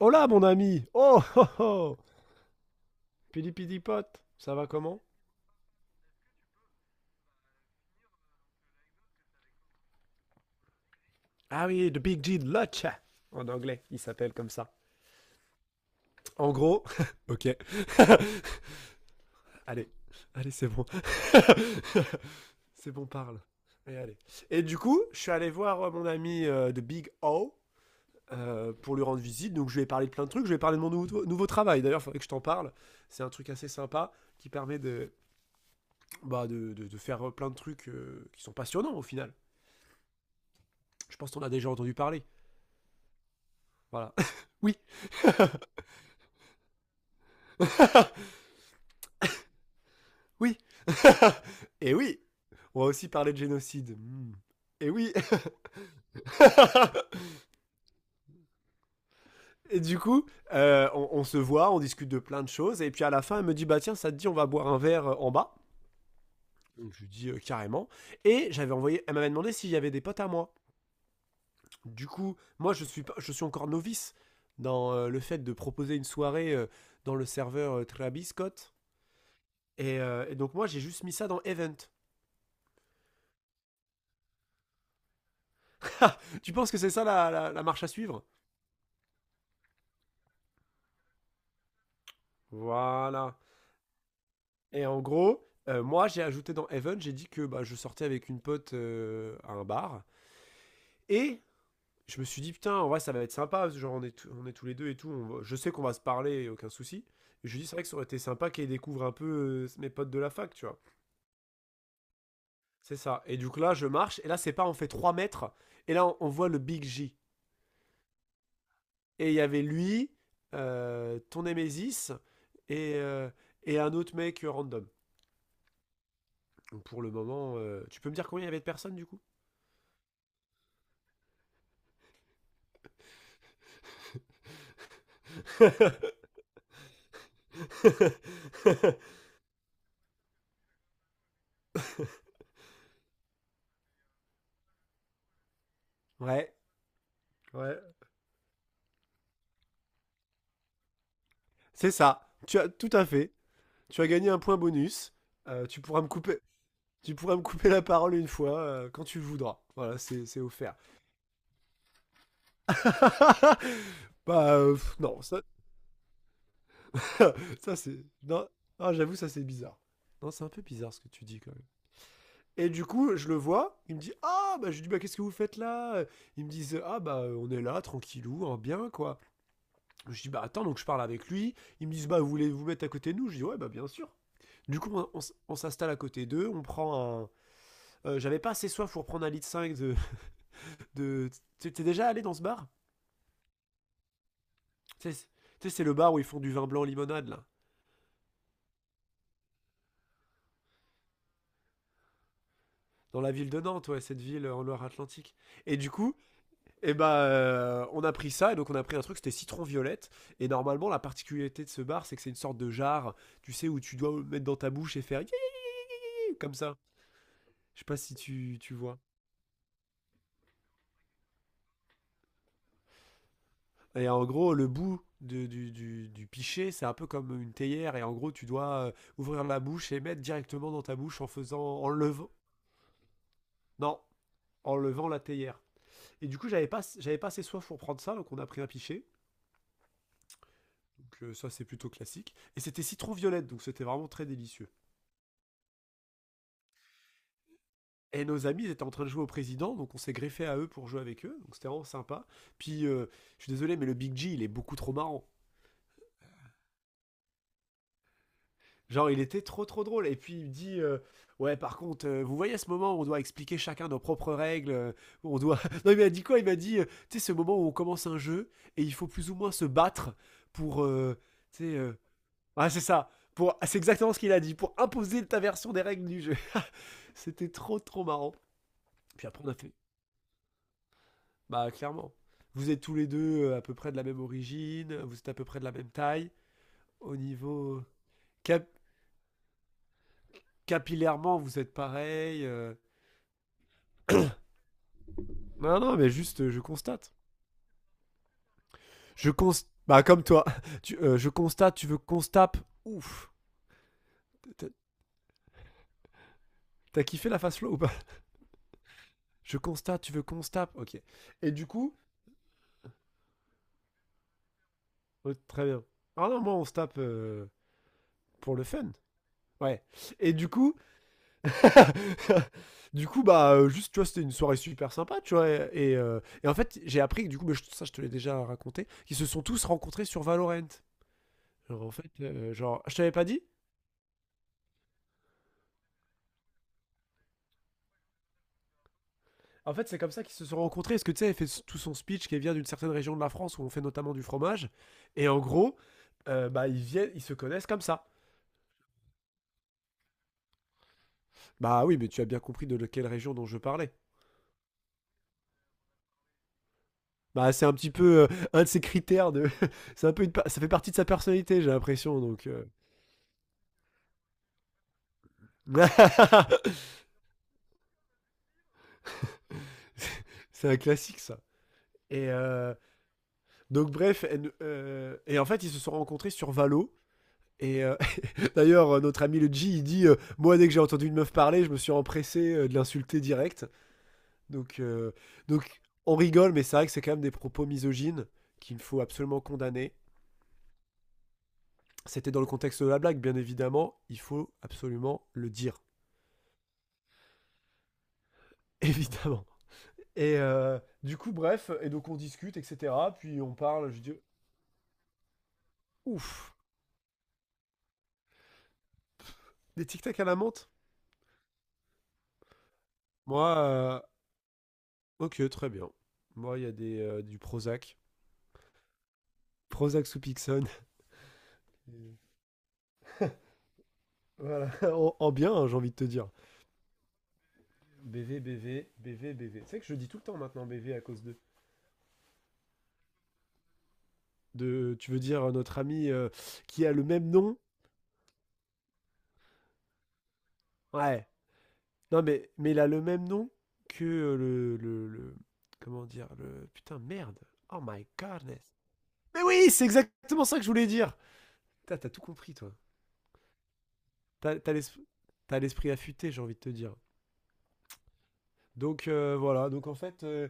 Hola mon ami. Oh oh oh. Pidi pidi pote, ça va comment? Ah oui, The Big G de Lodge. En anglais, il s'appelle comme ça. En gros, ok. Allez, allez, c'est bon. C'est bon, parle. Et, allez. Et du coup, je suis allé voir mon ami de Big O pour lui rendre visite. Donc je lui ai parlé de plein de trucs. Je lui ai parlé de mon nouveau travail. D'ailleurs, il faudrait que je t'en parle. C'est un truc assez sympa qui permet de, bah, de faire plein de trucs qui sont passionnants au final. Je pense qu'on a déjà entendu parler. Voilà. Oui, oui. Et oui, on va aussi parler de génocide. Hmm. Et oui. Et du coup, on se voit, on discute de plein de choses. Et puis à la fin, elle me dit: bah tiens, ça te dit, on va boire un verre en bas. Donc je lui dis carrément. Et j'avais envoyé, elle m'avait demandé s'il y avait des potes à moi. Du coup, moi je suis, pas- je suis encore novice dans le fait de proposer une soirée dans le serveur Travis Scott. Et donc moi j'ai juste mis ça dans Event. Tu penses que c'est ça la, la marche à suivre? Voilà. Et en gros, moi, j'ai ajouté dans Heaven, j'ai dit que bah, je sortais avec une pote à un bar. Et je me suis dit, putain, en vrai, ça va être sympa, parce que genre, on est tous les deux et tout. On va- je sais qu'on va se parler, aucun souci. Et je lui dis, c'est vrai que ça aurait été sympa qu'elle découvre un peu mes potes de la fac, tu vois. C'est ça. Et du coup, là, je marche. Et là, c'est pas, on fait 3 mètres. Et là, on voit le Big J. Et il y avait lui, ton Nemesis et, euh, et un autre mec random. Donc, pour le moment, tu peux me dire combien il y avait de personnes du coup? Ouais, Ouais. C'est ça. Tu as tout à fait. Tu as gagné un point bonus. Tu pourras me couper. Tu pourras me couper la parole une fois quand tu le voudras. Voilà, c'est offert. Bah pff, non, ça, ça c'est non. Ah, j'avoue, ça c'est bizarre. Non, c'est un peu bizarre ce que tu dis quand même. Et du coup, je le vois, il me dit: ah, bah, je lui dis: bah, qu'est-ce que vous faites là? Ils me disent: ah, bah, on est là, tranquillou, hein, bien, quoi. Je dis, bah attends, donc je parle avec lui. Ils me disent, bah vous voulez vous mettre à côté de nous? Je dis, ouais, bah bien sûr. Du coup, on s'installe à côté d'eux, on prend un. J'avais pas assez soif pour prendre un litre 5 de. De... T'es déjà allé dans ce bar? c'est- Tu sais, c'est le bar où ils font du vin blanc limonade, là. Dans la ville de Nantes, ouais, cette ville en Loire-Atlantique. Et du coup, eh ben, on a pris ça, et donc on a pris un truc, c'était citron violette. Et normalement, la particularité de ce bar, c'est que c'est une sorte de jarre, tu sais, où tu dois mettre dans ta bouche et faire. Comme ça. Je sais pas si tu vois. Et en gros, du, du pichet, c'est un peu comme une théière. Et en gros, tu dois ouvrir la bouche et mettre directement dans ta bouche en faisant, en levant, non, en levant la théière. Et du coup, j'avais pas assez soif pour prendre ça, donc on a pris un pichet. Donc ça, c'est plutôt classique. Et c'était citron violette, donc c'était vraiment très délicieux. Et nos amis ils étaient en train de jouer au président, donc on s'est greffé à eux pour jouer avec eux. Donc c'était vraiment sympa. Puis, je suis désolé, mais le Big G, il est beaucoup trop marrant. Genre, il était trop trop drôle. Et puis il me dit ouais, par contre, vous voyez ce moment où on doit expliquer chacun nos propres règles où on doit. Non, il m'a dit quoi? Il m'a dit tu sais, ce moment où on commence un jeu et il faut plus ou moins se battre pour. Tu sais. Ah, c'est ça. Pour... ah, c'est exactement ce qu'il a dit. Pour imposer ta version des règles du jeu. C'était trop trop marrant. Puis après, on a fait bah, clairement. Vous êtes tous les deux à peu près de la même origine, vous êtes à peu près de la même taille. Au niveau cap- capillairement, vous êtes pareil. Non, non, mais juste, je constate. Je constate. Bah, comme toi. Tu, je constate, tu veux constape? Ouf. T'as- T'as kiffé la face flow ou pas? Je constate, tu veux constape? Ok. Et du coup. Oh, très bien. Ah non, moi, on se tape pour le fun. Ouais. Et du coup. Du coup, bah, juste, tu vois, c'était une soirée super sympa, tu vois. Et et en fait, j'ai appris que, du coup, mais je- ça, je te l'ai déjà raconté, qu'ils se sont tous rencontrés sur Valorant. Genre, en fait, genre, je t'avais pas dit. En fait, c'est comme ça qu'ils se sont rencontrés. Parce que tu sais, elle fait tout son speech qui vient d'une certaine région de la France où on fait notamment du fromage. Et en gros, bah, ils se connaissent comme ça. Bah oui, mais tu as bien compris de quelle région dont je parlais. Bah c'est un petit peu un de ses critères de. C'est un peu une pa- ça fait partie de sa personnalité, j'ai l'impression. Donc. C'est un classique ça. Et donc bref, et en fait ils se sont rencontrés sur Valo. Et d'ailleurs, notre ami le G, il dit moi, dès que j'ai entendu une meuf parler, je me suis empressé de l'insulter direct. Donc, donc, on rigole, mais c'est vrai que c'est quand même des propos misogynes qu'il faut absolument condamner. C'était dans le contexte de la blague, bien évidemment. Il faut absolument le dire. Évidemment. Et du coup, bref, et donc on discute, etc. Puis on parle, je dis: ouf, des tic-tac à la menthe? Moi, ok, très bien. Moi, il y a du Prozac. Prozac sous Pixon. Voilà, en, en bien, hein, j'ai envie de te dire. BV, BV, BV, BV. C'est vrai que je dis tout le temps maintenant BV à cause de. De, tu veux dire notre ami qui a le même nom? Ouais. Non, mais il a le même nom que le, comment dire le? Putain, merde. Oh my godness. Mais oui, c'est exactement ça que je voulais dire. Putain, t'as tout compris, toi. T'as t'as l'esprit t'as l'esprit affûté, j'ai envie de te dire. Donc voilà, donc en fait,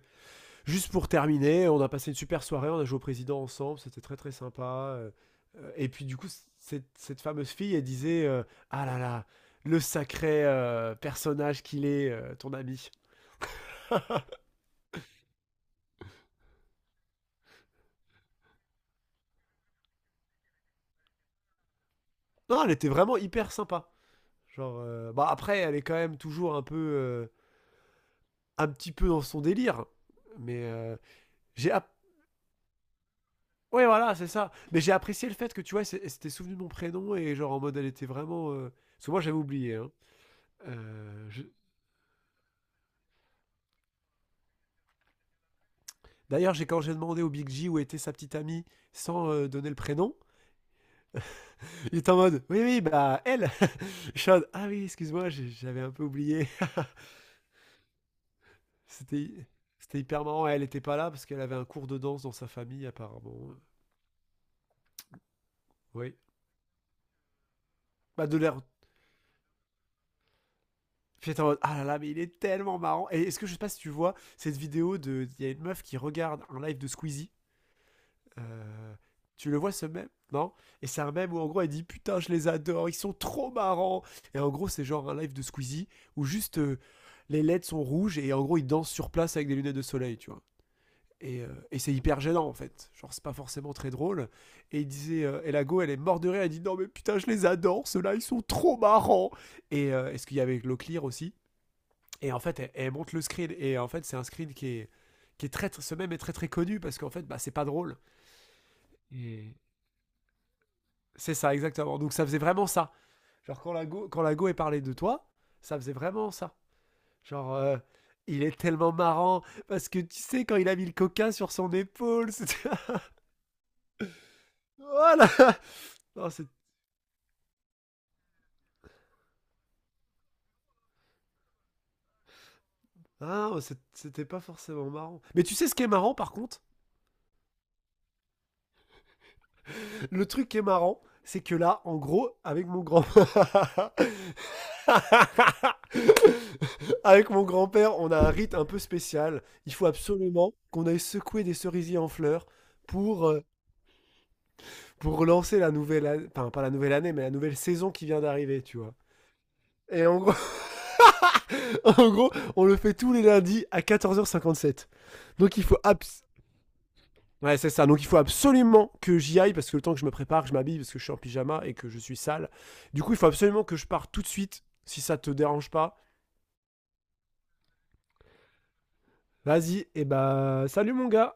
juste pour terminer, on a passé une super soirée, on a joué au président ensemble, c'était très très sympa. Euh, Et puis du coup, cette fameuse fille, elle disait ah là là, le sacré personnage qu'il est, ton ami. Non, elle était vraiment hyper sympa. Genre, bah après, elle est quand même toujours un petit peu dans son délire. Mais j'ai, app- ouais voilà, c'est ça. Mais j'ai apprécié le fait que tu vois, c'est- elle s'était souvenue de mon prénom et genre en mode, elle était vraiment. Parce que moi, j'avais oublié, hein. Euh, je- D'ailleurs, j'ai quand j'ai demandé au Big G où était sa petite amie sans donner le prénom, il était en mode oui, oui, bah elle je suis en mode ah oui, excuse-moi, j'avais un peu oublié. C'était c'était hyper marrant. Elle était pas là parce qu'elle avait un cours de danse dans sa famille, apparemment. Oui. Bah, de l'air. J'étais en mode ah là là, mais il est tellement marrant. Et est-ce que je sais pas si tu vois cette vidéo de. Il y a une meuf qui regarde un live de Squeezie. Euh, tu le vois ce même? Non. Et c'est un même où en gros elle dit putain je les adore, ils sont trop marrants. Et en gros c'est genre un live de Squeezie où juste les LED sont rouges et en gros ils dansent sur place avec des lunettes de soleil, tu vois. Et c'est hyper gênant en fait. Genre c'est pas forcément très drôle. Et il disait, et la go elle est morte de rire, elle dit non mais putain je les adore, ceux-là ils sont trop marrants. Et est-ce qu'il y avait le aussi? Et en fait elle monte le screen et en fait c'est un screen qui est très, ce même est très très connu parce qu'en fait bah c'est pas drôle et, c'est ça, exactement. Donc ça faisait vraiment ça. Genre quand la go est parlé de toi, ça faisait vraiment ça. Genre il est tellement marrant parce que tu sais quand il a mis le coca sur son épaule, c'était voilà. Non, c'est- ah, c'est- C'était pas forcément marrant. Mais tu sais ce qui est marrant par contre? Le truc qui est marrant, c'est que là, en gros, avec mon grand avec mon grand-père, on a un rite un peu spécial. Il faut absolument qu'on aille secouer des cerisiers en fleurs pour euh, pour relancer la nouvelle année, enfin pas la nouvelle année, mais la nouvelle saison qui vient d'arriver, tu vois. Et en gros, en gros, on le fait tous les lundis à 14h57. Donc il faut abs- Ouais, c'est ça. Donc il faut absolument que j'y aille parce que le temps que je me prépare, que je m'habille parce que je suis en pyjama et que je suis sale. Du coup, il faut absolument que je parte tout de suite si ça te dérange pas. Vas-y, et bah salut mon gars.